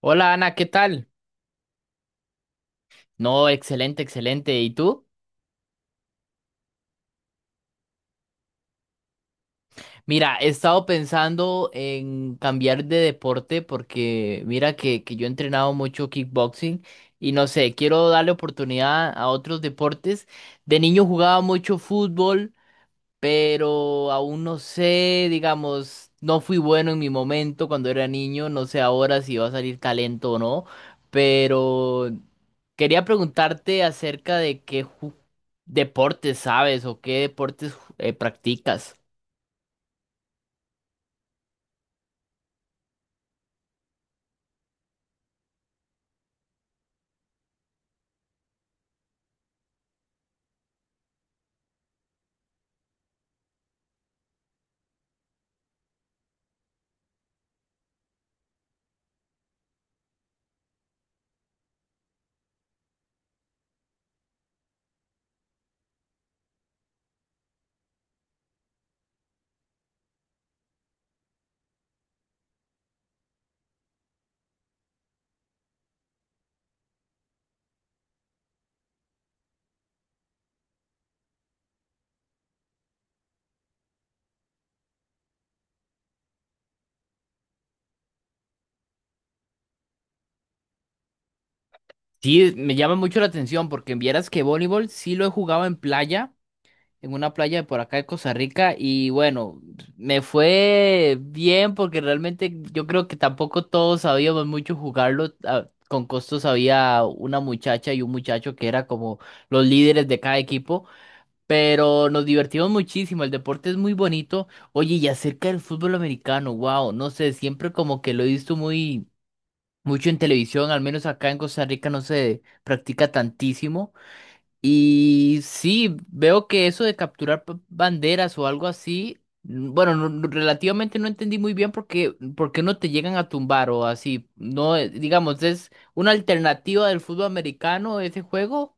Hola Ana, ¿qué tal? No, excelente, excelente. ¿Y tú? Mira, he estado pensando en cambiar de deporte porque mira que yo he entrenado mucho kickboxing y no sé, quiero darle oportunidad a otros deportes. De niño jugaba mucho fútbol, pero aún no sé, digamos, no fui bueno en mi momento cuando era niño, no sé ahora si va a salir talento o no, pero quería preguntarte acerca de deportes sabes o qué deportes practicas. Sí, me llama mucho la atención porque vieras que voleibol sí lo he jugado en playa, en una playa de por acá de Costa Rica y bueno, me fue bien porque realmente yo creo que tampoco todos sabíamos mucho jugarlo. Con costos había una muchacha y un muchacho que era como los líderes de cada equipo, pero nos divertimos muchísimo, el deporte es muy bonito. Oye, y acerca del fútbol americano, wow, no sé, siempre como que lo he visto muy mucho en televisión, al menos acá en Costa Rica no se practica tantísimo. Y sí, veo que eso de capturar banderas o algo así, mm, bueno, relativamente no entendí muy bien porque no te llegan a tumbar o así. No, digamos, es una alternativa del fútbol americano ese juego.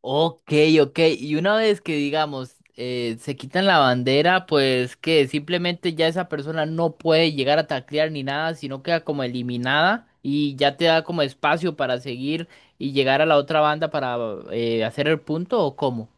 Ok, ok. Y una vez que, digamos, se quitan la bandera, pues que simplemente ya esa persona no puede llegar a taclear ni nada, sino queda como eliminada y ya te da como espacio para seguir y llegar a la otra banda para hacer el punto o cómo.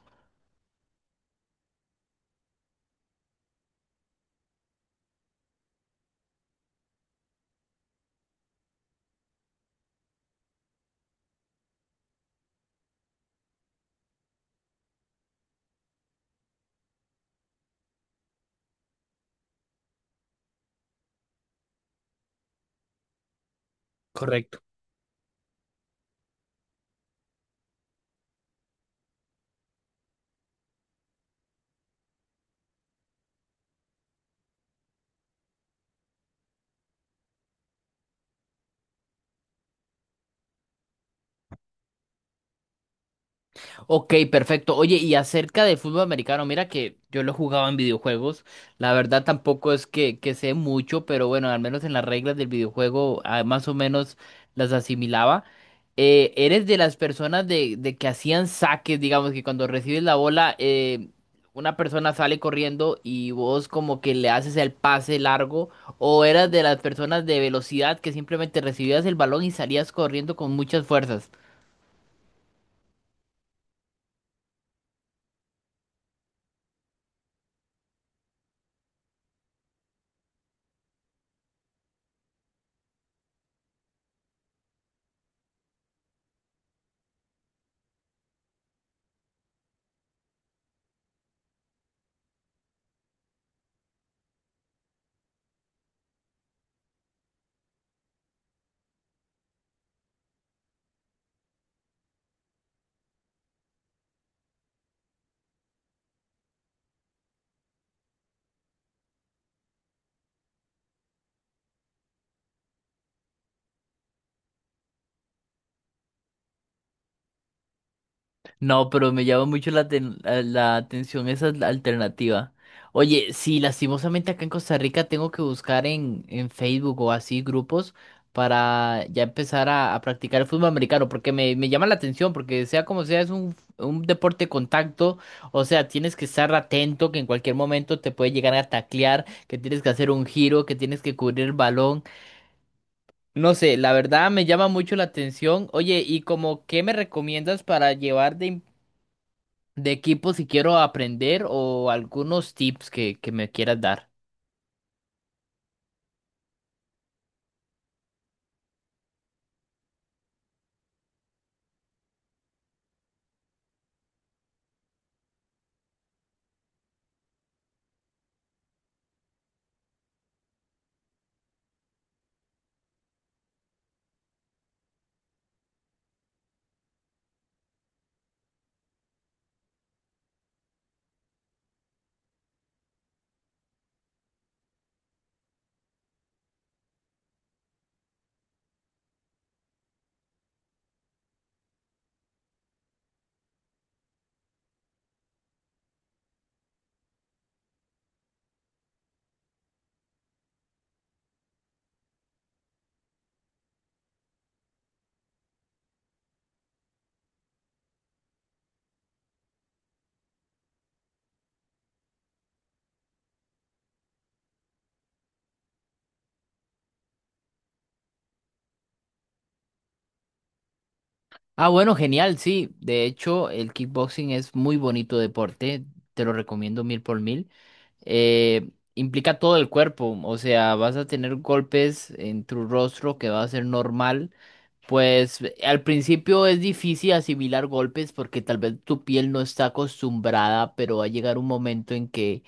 Ok, perfecto. Oye, y acerca de fútbol americano, mira que yo lo jugaba en videojuegos. La verdad tampoco es que sé mucho, pero bueno, al menos en las reglas del videojuego ah, más o menos las asimilaba. ¿Eres de las personas de que hacían saques, digamos, que cuando recibes la bola, una persona sale corriendo y vos como que le haces el pase largo? ¿O eras de las personas de velocidad que simplemente recibías el balón y salías corriendo con muchas fuerzas? No, pero me llama mucho la atención esa alternativa. Oye, sí, lastimosamente acá en Costa Rica tengo que buscar en Facebook o así grupos para ya empezar a practicar el fútbol americano, porque me llama la atención, porque sea como sea, es un deporte de contacto, o sea, tienes que estar atento, que en cualquier momento te puede llegar a taclear, que tienes que hacer un giro, que tienes que cubrir el balón. No sé, la verdad me llama mucho la atención. Oye, ¿y como qué me recomiendas para llevar de equipo si quiero aprender o algunos tips que me quieras dar? Ah, bueno, genial, sí. De hecho, el kickboxing es muy bonito deporte. Te lo recomiendo mil por mil. Implica todo el cuerpo, o sea, vas a tener golpes en tu rostro que va a ser normal. Pues al principio es difícil asimilar golpes porque tal vez tu piel no está acostumbrada, pero va a llegar un momento en que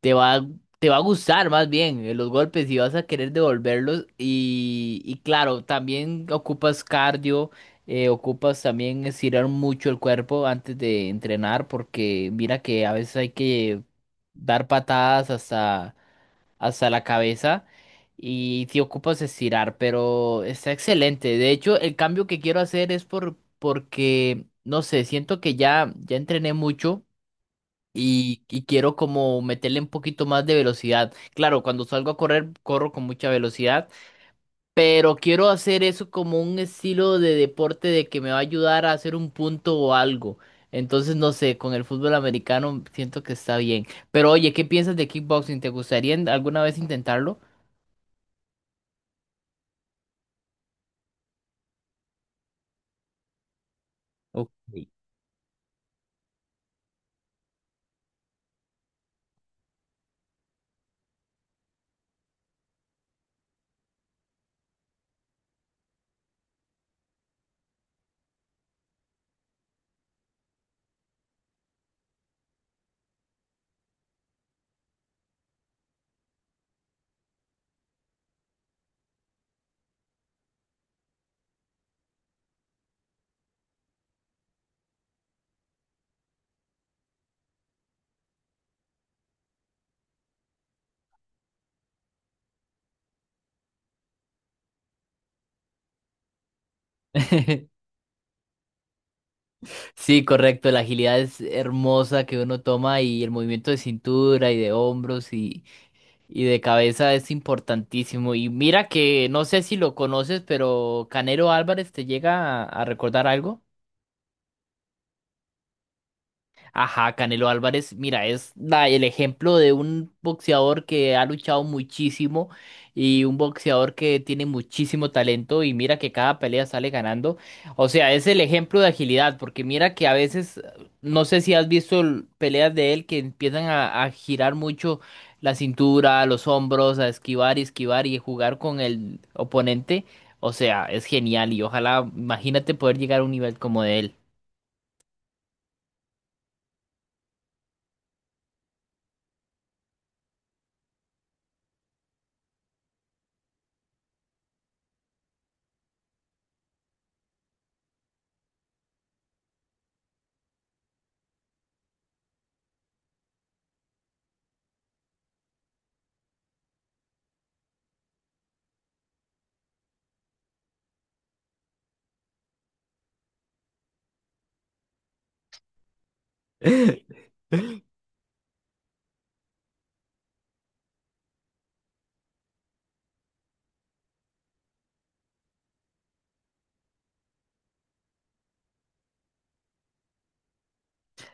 te va, a- te va a gustar más bien los golpes y vas a querer devolverlos. Y claro, también ocupas cardio, ocupas también estirar mucho el cuerpo antes de entrenar, porque mira que a veces hay que dar patadas hasta la cabeza. Y si ocupas estirar, pero está excelente. De hecho, el cambio que quiero hacer es porque, no sé, siento que ya entrené mucho y quiero como meterle un poquito más de velocidad. Claro, cuando salgo a correr, corro con mucha velocidad, pero quiero hacer eso como un estilo de deporte de que me va a ayudar a hacer un punto o algo. Entonces, no sé, con el fútbol americano siento que está bien. Pero oye, ¿qué piensas de kickboxing? ¿Te gustaría alguna vez intentarlo? O- Sí, correcto, la agilidad es hermosa que uno toma y el movimiento de cintura y de hombros y de cabeza es importantísimo. Y mira que no sé si lo conoces, pero Canero Álvarez te llega a recordar algo. Ajá, Canelo Álvarez, mira, es el ejemplo de un boxeador que ha luchado muchísimo y un boxeador que tiene muchísimo talento y mira que cada pelea sale ganando. O sea, es el ejemplo de agilidad, porque mira que a veces, no sé si has visto peleas de él que empiezan a girar mucho la cintura, los hombros, a esquivar y esquivar y jugar con el oponente. O sea, es genial y ojalá, imagínate poder llegar a un nivel como de él.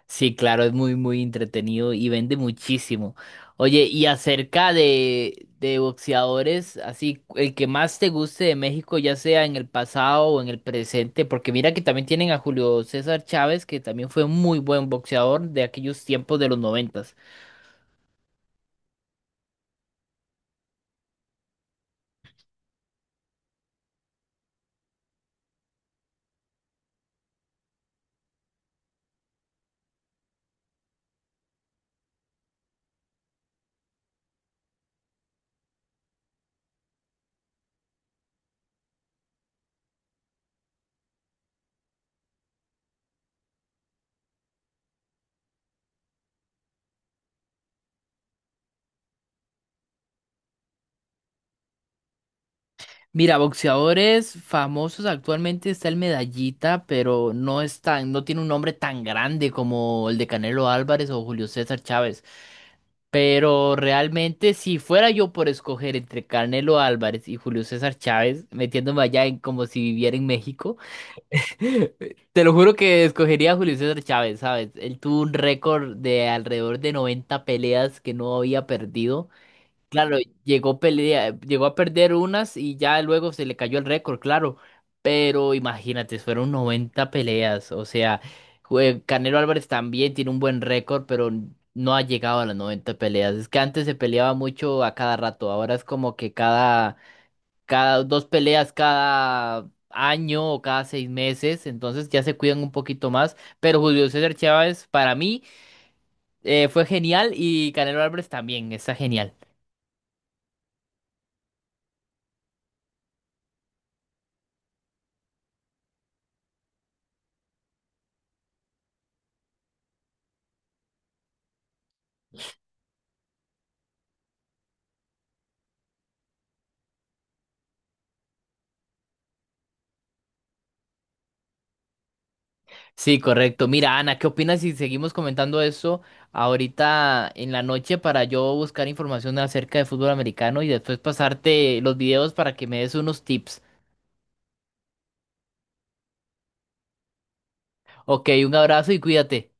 Sí, claro, es muy, muy entretenido y vende muchísimo. Oye, y acerca de boxeadores, así, el que más te guste de México, ya sea en el pasado o en el presente, porque mira que también tienen a Julio César Chávez, que también fue un muy buen boxeador de aquellos tiempos de los noventas. Mira, boxeadores famosos actualmente está el Medallita, pero no es tan, no tiene un nombre tan grande como el de Canelo Álvarez o Julio César Chávez. Pero realmente, si fuera yo por escoger entre Canelo Álvarez y Julio César Chávez, metiéndome allá en como si viviera en México, te lo juro que escogería a Julio César Chávez, ¿sabes? Él tuvo un récord de alrededor de 90 peleas que no había perdido. Claro, llegó, pelea, llegó a perder unas y ya luego se le cayó el récord, claro. Pero imagínate, fueron 90 peleas. O sea, Canelo Álvarez también tiene un buen récord, pero no ha llegado a las 90 peleas. Es que antes se peleaba mucho a cada rato. Ahora es como que cada 2 peleas cada año o cada 6 meses. Entonces ya se cuidan un poquito más. Pero Julio César Chávez, para mí, fue genial y Canelo Álvarez también está genial. Sí, correcto. Mira, Ana, ¿qué opinas si seguimos comentando eso ahorita en la noche para yo buscar información acerca de fútbol americano y después pasarte los videos para que me des unos tips? Ok, un abrazo y cuídate.